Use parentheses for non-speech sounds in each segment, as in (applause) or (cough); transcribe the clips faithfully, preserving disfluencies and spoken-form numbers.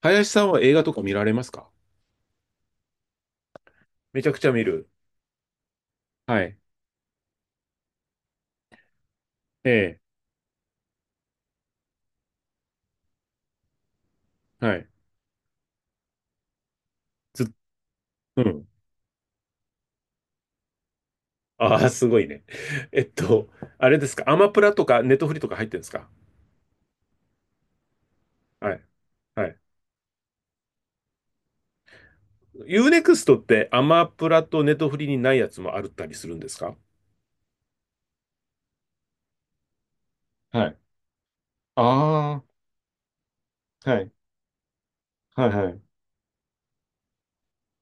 林さんは映画とか見られますか？めちゃくちゃ見る。はい。ええ。はい。ずっ、うん。ああ、すごいね。(laughs) えっと、あれですか、アマプラとかネットフリとか入ってるんですか？はい。はい。ユーネクストってアマプラとネットフリにないやつもあるったりするんですか？はい。ああ、はい。はいはい。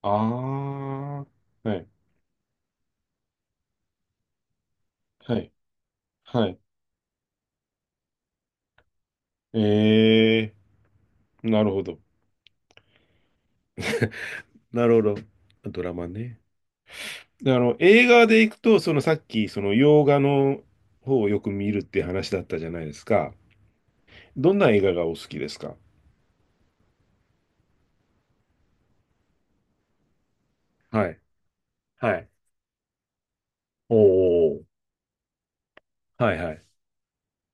ああ、はい。はい。はい。ええ、なるほど。なるほど。ドラマね。で、あの、映画で行くと、そのさっき、その洋画の方をよく見るって話だったじゃないですか。どんな映画がお好きですか？はい。はい。おー。はいはい。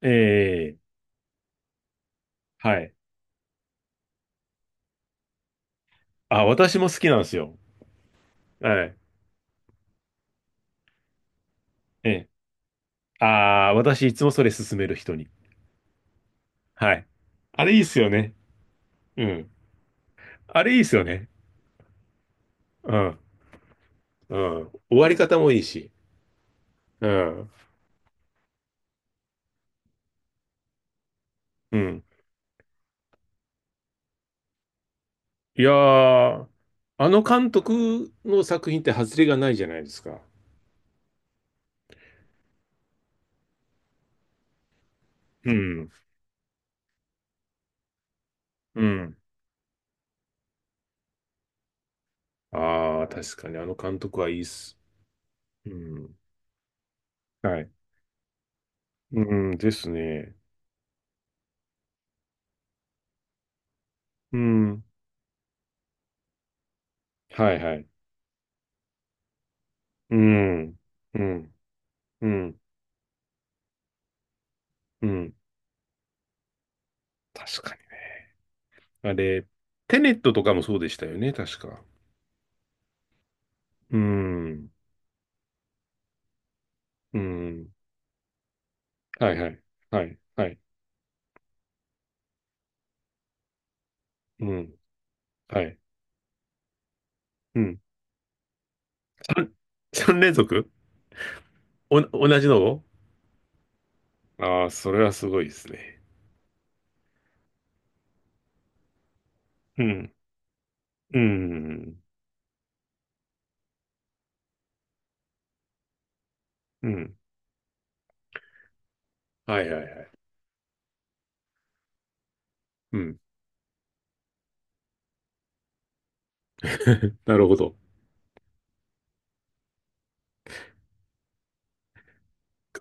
ええ、はい。あ、私も好きなんですよ。はい。ええ。ああ、私いつもそれ勧める人に。はい。あれいいっすよね。うん。あれいいっすよね。うん。うん。終わり方もいいし。うん。うん。いやー、あの監督の作品って外れがないじゃないですか。うん。うん。ああ、確かにあの監督はいいっす。うん。はい。うん。ですね。うん。はいはい。うん。うん。うん。うん。確かに。あれ、テネットとかもそうでしたよね、確か。うん。うん。はいはい。はい。はい。うん。はい。うん。さん、三連続。お、同じのを。ああー、それはすごいですね。うん。うん。うん。はいはいはい。うん。(laughs) なるほど。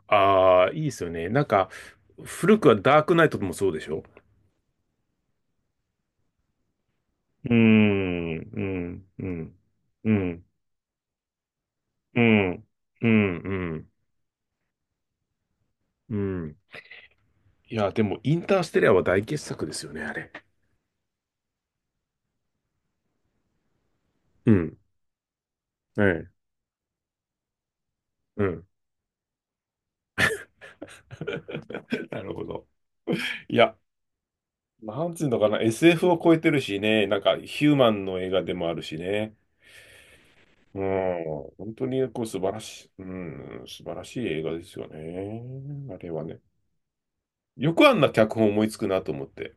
ああ、いいですよね。なんか、古くはダークナイトもそうでしょ？うーん、うん、うん、うん、うん、うん、うん、うん。いや、でも、インターステリアは大傑作ですよね、あれ。うん。ええ。うん。(laughs) なるほど。いや、なんつうのかな、エスエフ を超えてるしね、なんかヒューマンの映画でもあるしね。うん、本当にこう素晴らしい、うん、素晴らしい映画ですよね。あれはね。よくあんな脚本思いつくなと思って。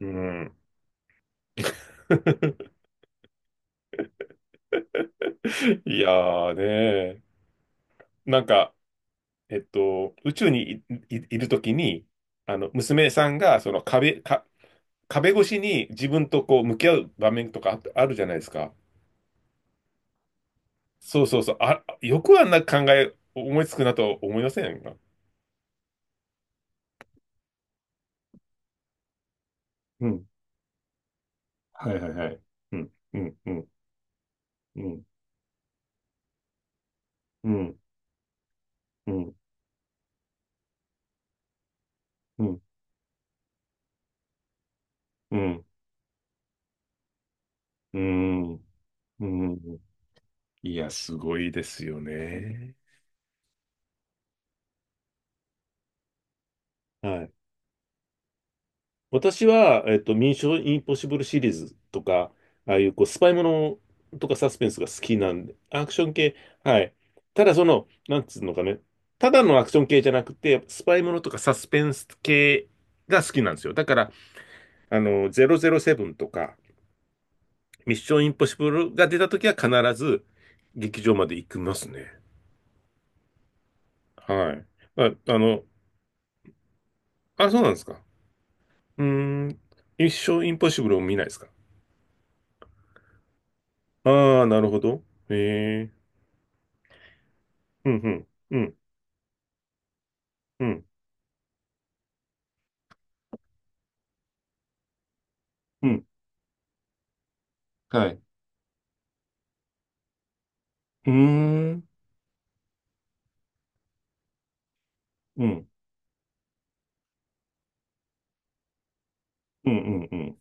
うん。(laughs) いやーねー。なんか、えっと、宇宙にい、い、いるときに、あの、娘さんが、その壁、か、壁越しに自分とこう向き合う場面とかあ、あるじゃないですか。そうそうそう。あ、よくあんな考え思いつくなと思いませんか？うん。はいはいはい。うん。うん。うん。うん。うん。うん。うん。うん。うん。うん。いや、すごいですよね。はい。私は、えっと、ミッションインポッシブルシリーズとか、ああいうこうスパイものとかサスペンスが好きなんで、アクション系。はい。ただその、なんつうのかね、ただのアクション系じゃなくて、スパイものとかサスペンス系が好きなんですよ。だから、あの、ゼロゼロセブンとか、ミッションインポッシブルが出た時は必ず劇場まで行きますね。はい。あ、あの。あ、そうなんですか。うーん、ミッションインポッシブルを見ないですか。ああー、なるほど。へえ。うん、うん、うん、うん、うん、はい。うーん、うん、うん、うん、うん。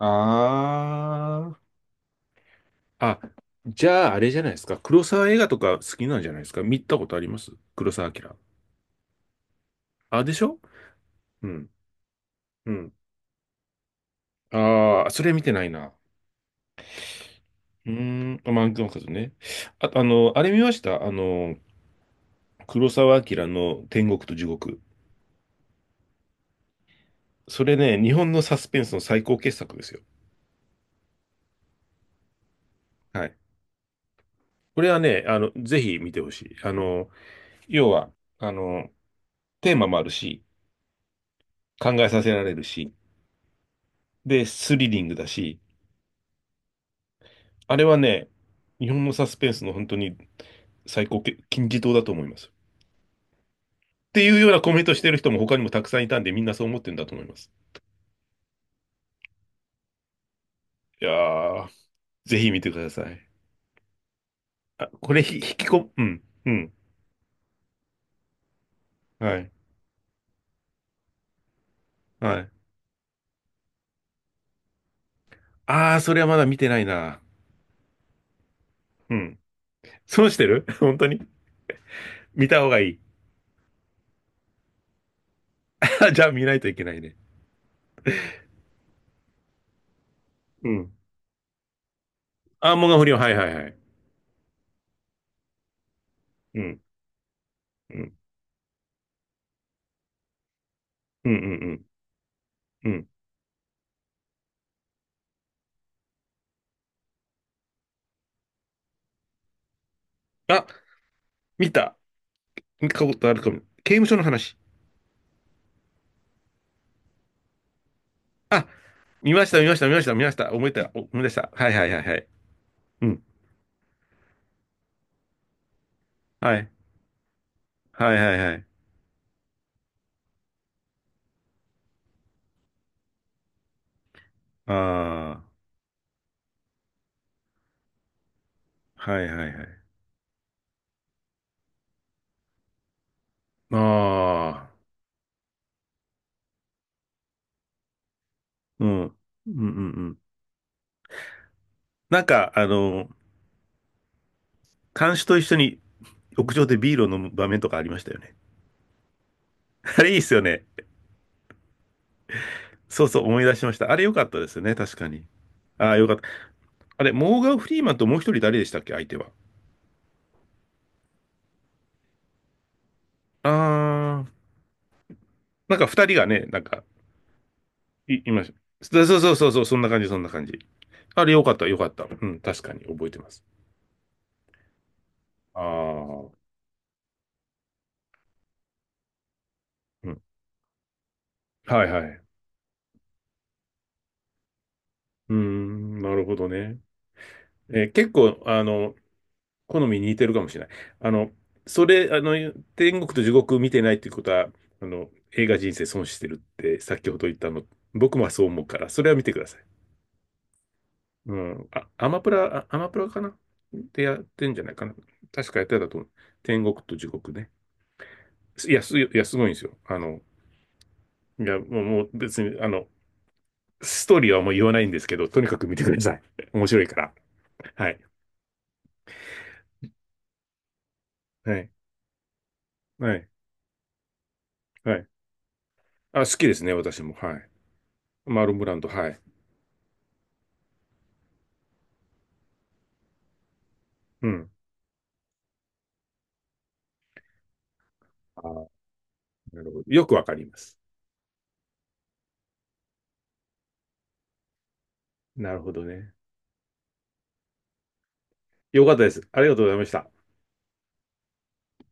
あー。あ、じゃあ、あれじゃないですか。黒沢映画とか好きなんじゃないですか。見たことあります、黒沢明。あ、でしょ？うん、うん。ああ、それ見てないな。うーん、あ、マンクマカズね。あと、あの、あれ見ました、あの、黒沢明の天国と地獄。それね、日本のサスペンスの最高傑作ですよ。はい。これはね、あの、ぜひ見てほしい。あの、要は、あの、テーマもあるし、考えさせられるし、で、スリリングだし、あれはね、日本のサスペンスの本当に最高け金字塔だと思います。っていうようなコメントしてる人も他にもたくさんいたんで、みんなそう思ってるんだと思います。いやー、ぜひ見てください。あ、これひ、引きこ、うん、うん、はい、はい。あー、それはまだ見てないな。うん。損してる。 (laughs) 本当に見た方がいい。(laughs) じゃあ見ないといけないね。うん。アーモンガ不良、はいはいはい。うん、うん、うん、うん、うん。うん。あ、見た。見たことあるかも。刑務所の話。あ、見ました、見ました、見ました、見ました。思い出した、思い出した。はいはいはいはい。うん。はい。はいはいはい。ああ、はいはいはい。ああ、うん。うん、うん、うん。なんか、あの、看守と一緒に屋上でビールを飲む場面とかありましたよね。(laughs) あれいいっすよね。そうそう、思い出しました。あれ良かったですよね、確かに。ああ、よかった。あれ、モーガン・フリーマンともう一人誰でしたっけ、相手は。ああ、なんか二人がね、なんか、い、いました。そうそうそうそう、そんな感じ、そんな感じ。あれ、よかった、よかった。うん、確かに覚えてます。ああ、うん。はいはい。うーん、なるほどね。えー、結構、あの、好みに似てるかもしれない。あの、それ、あの、天国と地獄見てないっていうことは、あの、映画人生損してるって先ほど言ったの、僕もそう思うから、それは見てください。うん。あ、アマプラ、あ、アマプラかなってやってんじゃないかな。確かやってたと思う。天国と地獄ね。いや、す、いや、すごいんですよ。あの、いや、もう、もう別に、あの、ストーリーはもう言わないんですけど、とにかく見てください。(laughs) 面白いから。はい。はい。はい。はい。あ、好きですね、私も。はい。マーロンブランド、はい。うん。あー、なるほど。よくわかります。なるほどね。よかったです。ありがとうございました。